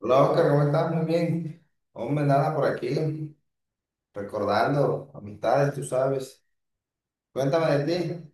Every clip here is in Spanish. Hola Oscar, ¿cómo estás? Muy bien. Hombre, nada por aquí, recordando amistades, tú sabes. Cuéntame de ti.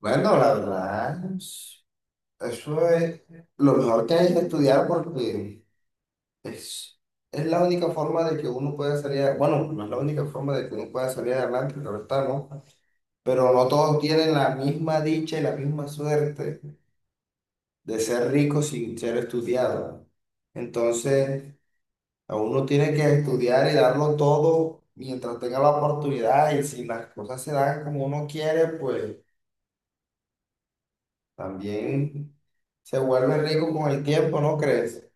Bueno, la verdad, eso es lo mejor que hay es estudiar porque es, es la única forma de que uno pueda bueno, no es la única forma de que uno pueda salir adelante, claro está, ¿no? Pero no todos tienen la misma dicha y la misma suerte de ser ricos sin ser estudiados. Entonces a uno tiene que estudiar y darlo todo mientras tenga la oportunidad y si las cosas se dan como uno quiere, pues también se vuelve rico con el tiempo, ¿no crees?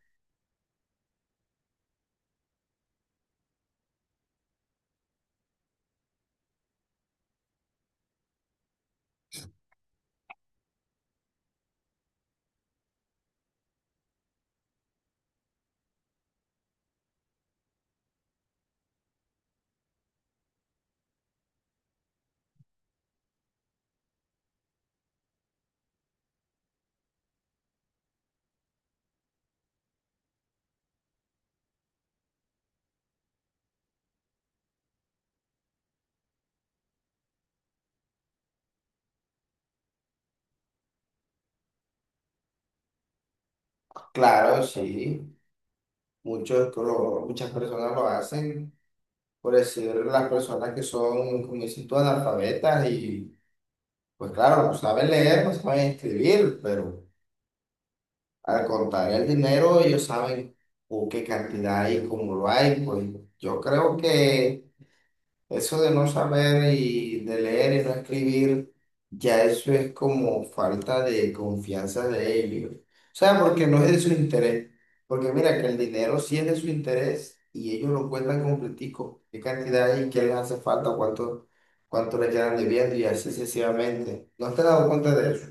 Claro, sí, muchas personas lo hacen, por decir las personas que son, como dices tú, analfabetas y pues claro, no saben leer, no saben escribir, pero al contar el dinero ellos saben o qué cantidad hay, cómo lo hay, pues yo creo que eso de no saber y de leer y no escribir, ya eso es como falta de confianza de ellos. O sea, porque no es de su interés. Porque mira que el dinero sí es de su interés y ellos lo cuentan completico. ¿Qué cantidad y qué les hace falta? Cuánto le quedan debiendo? Y así sucesivamente. ¿No te has dado cuenta de eso?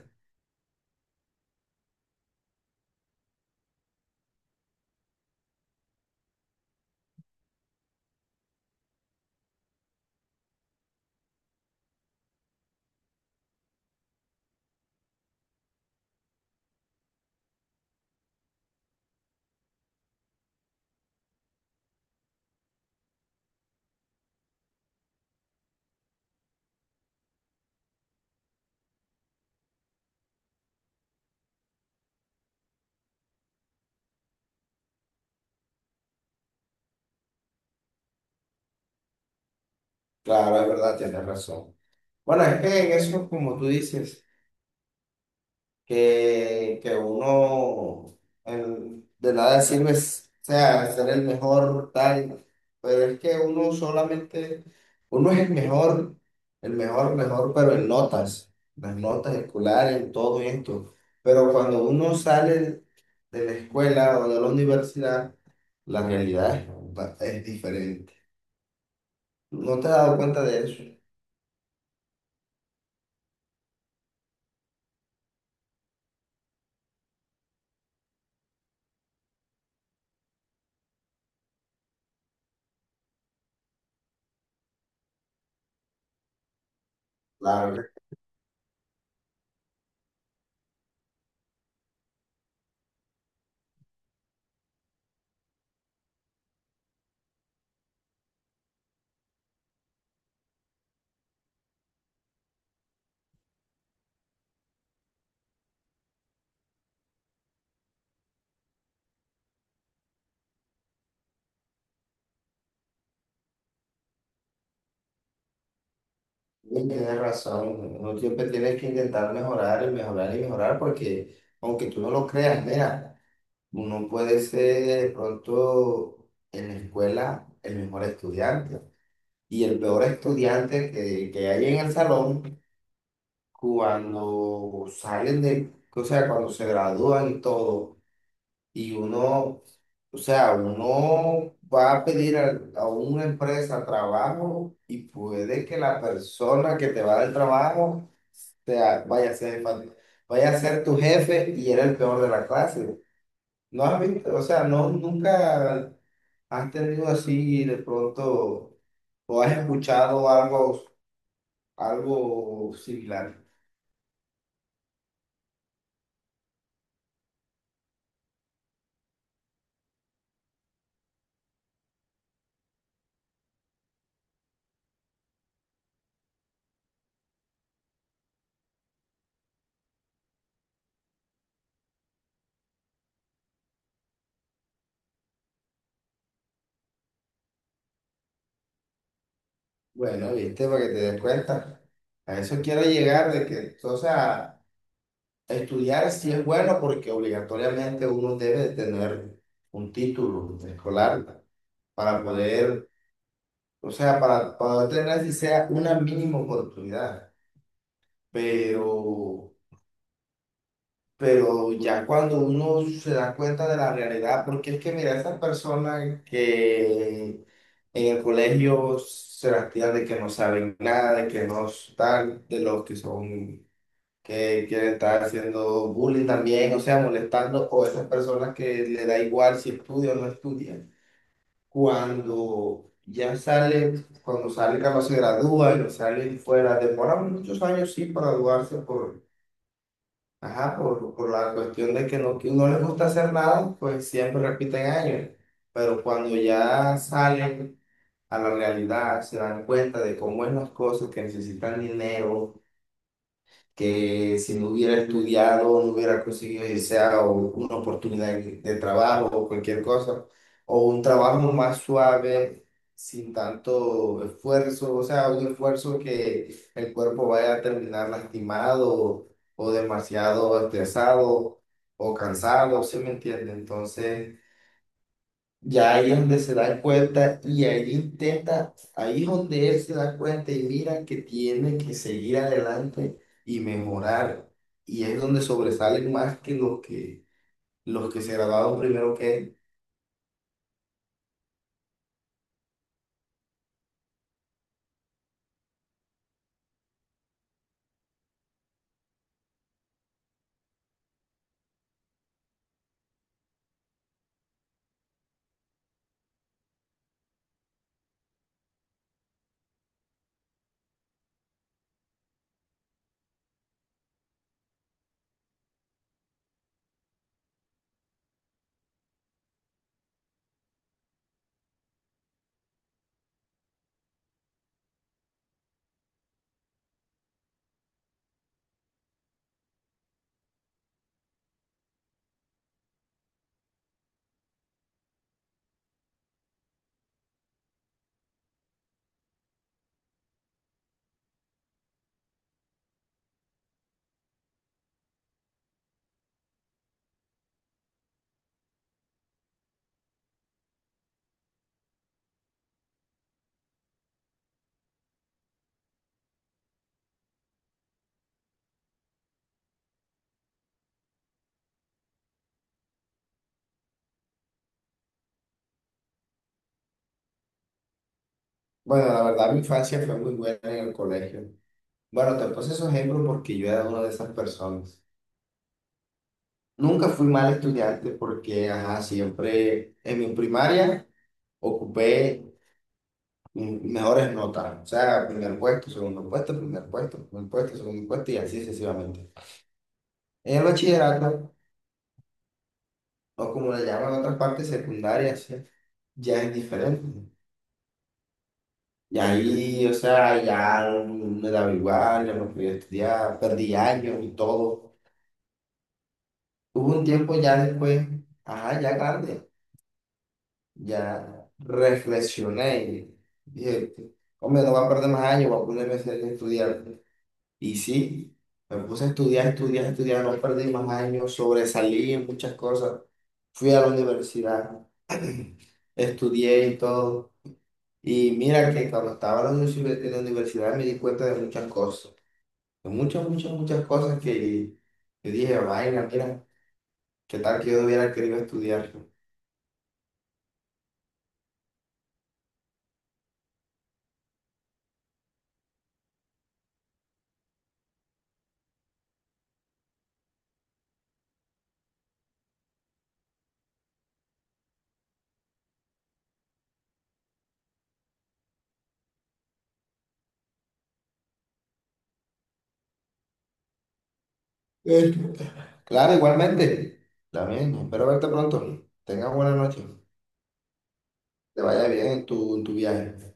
Claro, es verdad, tienes razón. Bueno, es que en eso, como tú dices, que uno, de nada sirve, o sea, ser el mejor, tal, pero es que uno solamente, uno es el mejor, mejor, pero en notas, las notas escolares, en todo esto, pero cuando uno sale de la escuela o de la universidad, la realidad es diferente. ¿No te has dado cuenta de eso? Claro. Sí, tienes razón, uno siempre tiene que intentar mejorar y mejorar y mejorar porque aunque tú no lo creas, mira, uno puede ser de pronto en la escuela el mejor estudiante y el peor estudiante que hay en el salón cuando salen de, o sea, cuando se gradúan y todo, y uno, o sea, uno va a pedir a una empresa trabajo y puede que la persona que te va a dar el trabajo sea, vaya a ser, fan- vaya a ser tu jefe y era el peor de la clase. No has visto, o sea, no, nunca has tenido así de pronto o has escuchado algo, algo similar. Bueno, viste, para que te des cuenta. A eso quiero llegar de que, o sea, estudiar sí es bueno porque obligatoriamente uno debe de tener un título escolar para poder, o sea, para poder tener si sea una mínima oportunidad. pero, pero ya cuando uno se da cuenta de la realidad, porque es que mira, esas personas que en el colegio se las tiran de que no saben nada, de que no están, de los que son, que quieren estar haciendo bullying también, o sea, molestando, o esas personas que le da igual si estudia o no estudia, cuando ya salen, cuando salen, capaz se gradúan, salen fuera, demoran muchos años, sí, para ajá, por la cuestión de que no les gusta hacer nada, pues siempre repiten años. Pero cuando ya salen a la realidad, se dan cuenta de cómo es las cosas, que necesitan dinero, que si no hubiera estudiado, no hubiera conseguido, ya sea o una oportunidad de trabajo o cualquier cosa, o un trabajo más suave, sin tanto esfuerzo, o sea, un esfuerzo que el cuerpo vaya a terminar lastimado o demasiado estresado o cansado, ¿sí me entiende? Entonces ya ahí es donde se da cuenta y ahí intenta, ahí es donde él se da cuenta y mira que tiene que seguir adelante y mejorar. Y es donde sobresalen más que los que se graduaron primero que él. Bueno, la verdad mi infancia fue muy buena en el colegio. Bueno, te puse esos ejemplos porque yo era una de esas personas. Nunca fui mal estudiante porque, ajá, siempre en mi primaria ocupé mejores notas, o sea, primer puesto, segundo puesto, primer puesto, primer puesto, segundo puesto y así sucesivamente. En el bachillerato, o como le llaman en otras partes secundarias, ¿sí? Ya es diferente. Y ahí, o sea, ya no me daba igual, ya no podía estudiar, perdí años y todo. Hubo un tiempo ya después, ajá, ya grande, ya reflexioné y dije, hombre, no voy a perder más años, voy a ponerme a a estudiar. Y sí, me puse a estudiar, estudiar, estudiar, no perdí más años, sobresalí en muchas cosas. Fui a la universidad, estudié y todo. Y mira que cuando estaba en en la universidad me di cuenta de muchas cosas, de muchas, muchas, muchas cosas que yo dije, vaina, mira, qué tal que yo hubiera querido estudiar. Esto. Claro, igualmente. También, espero verte pronto. Tengas buena noche. Te vaya bien en en tu viaje.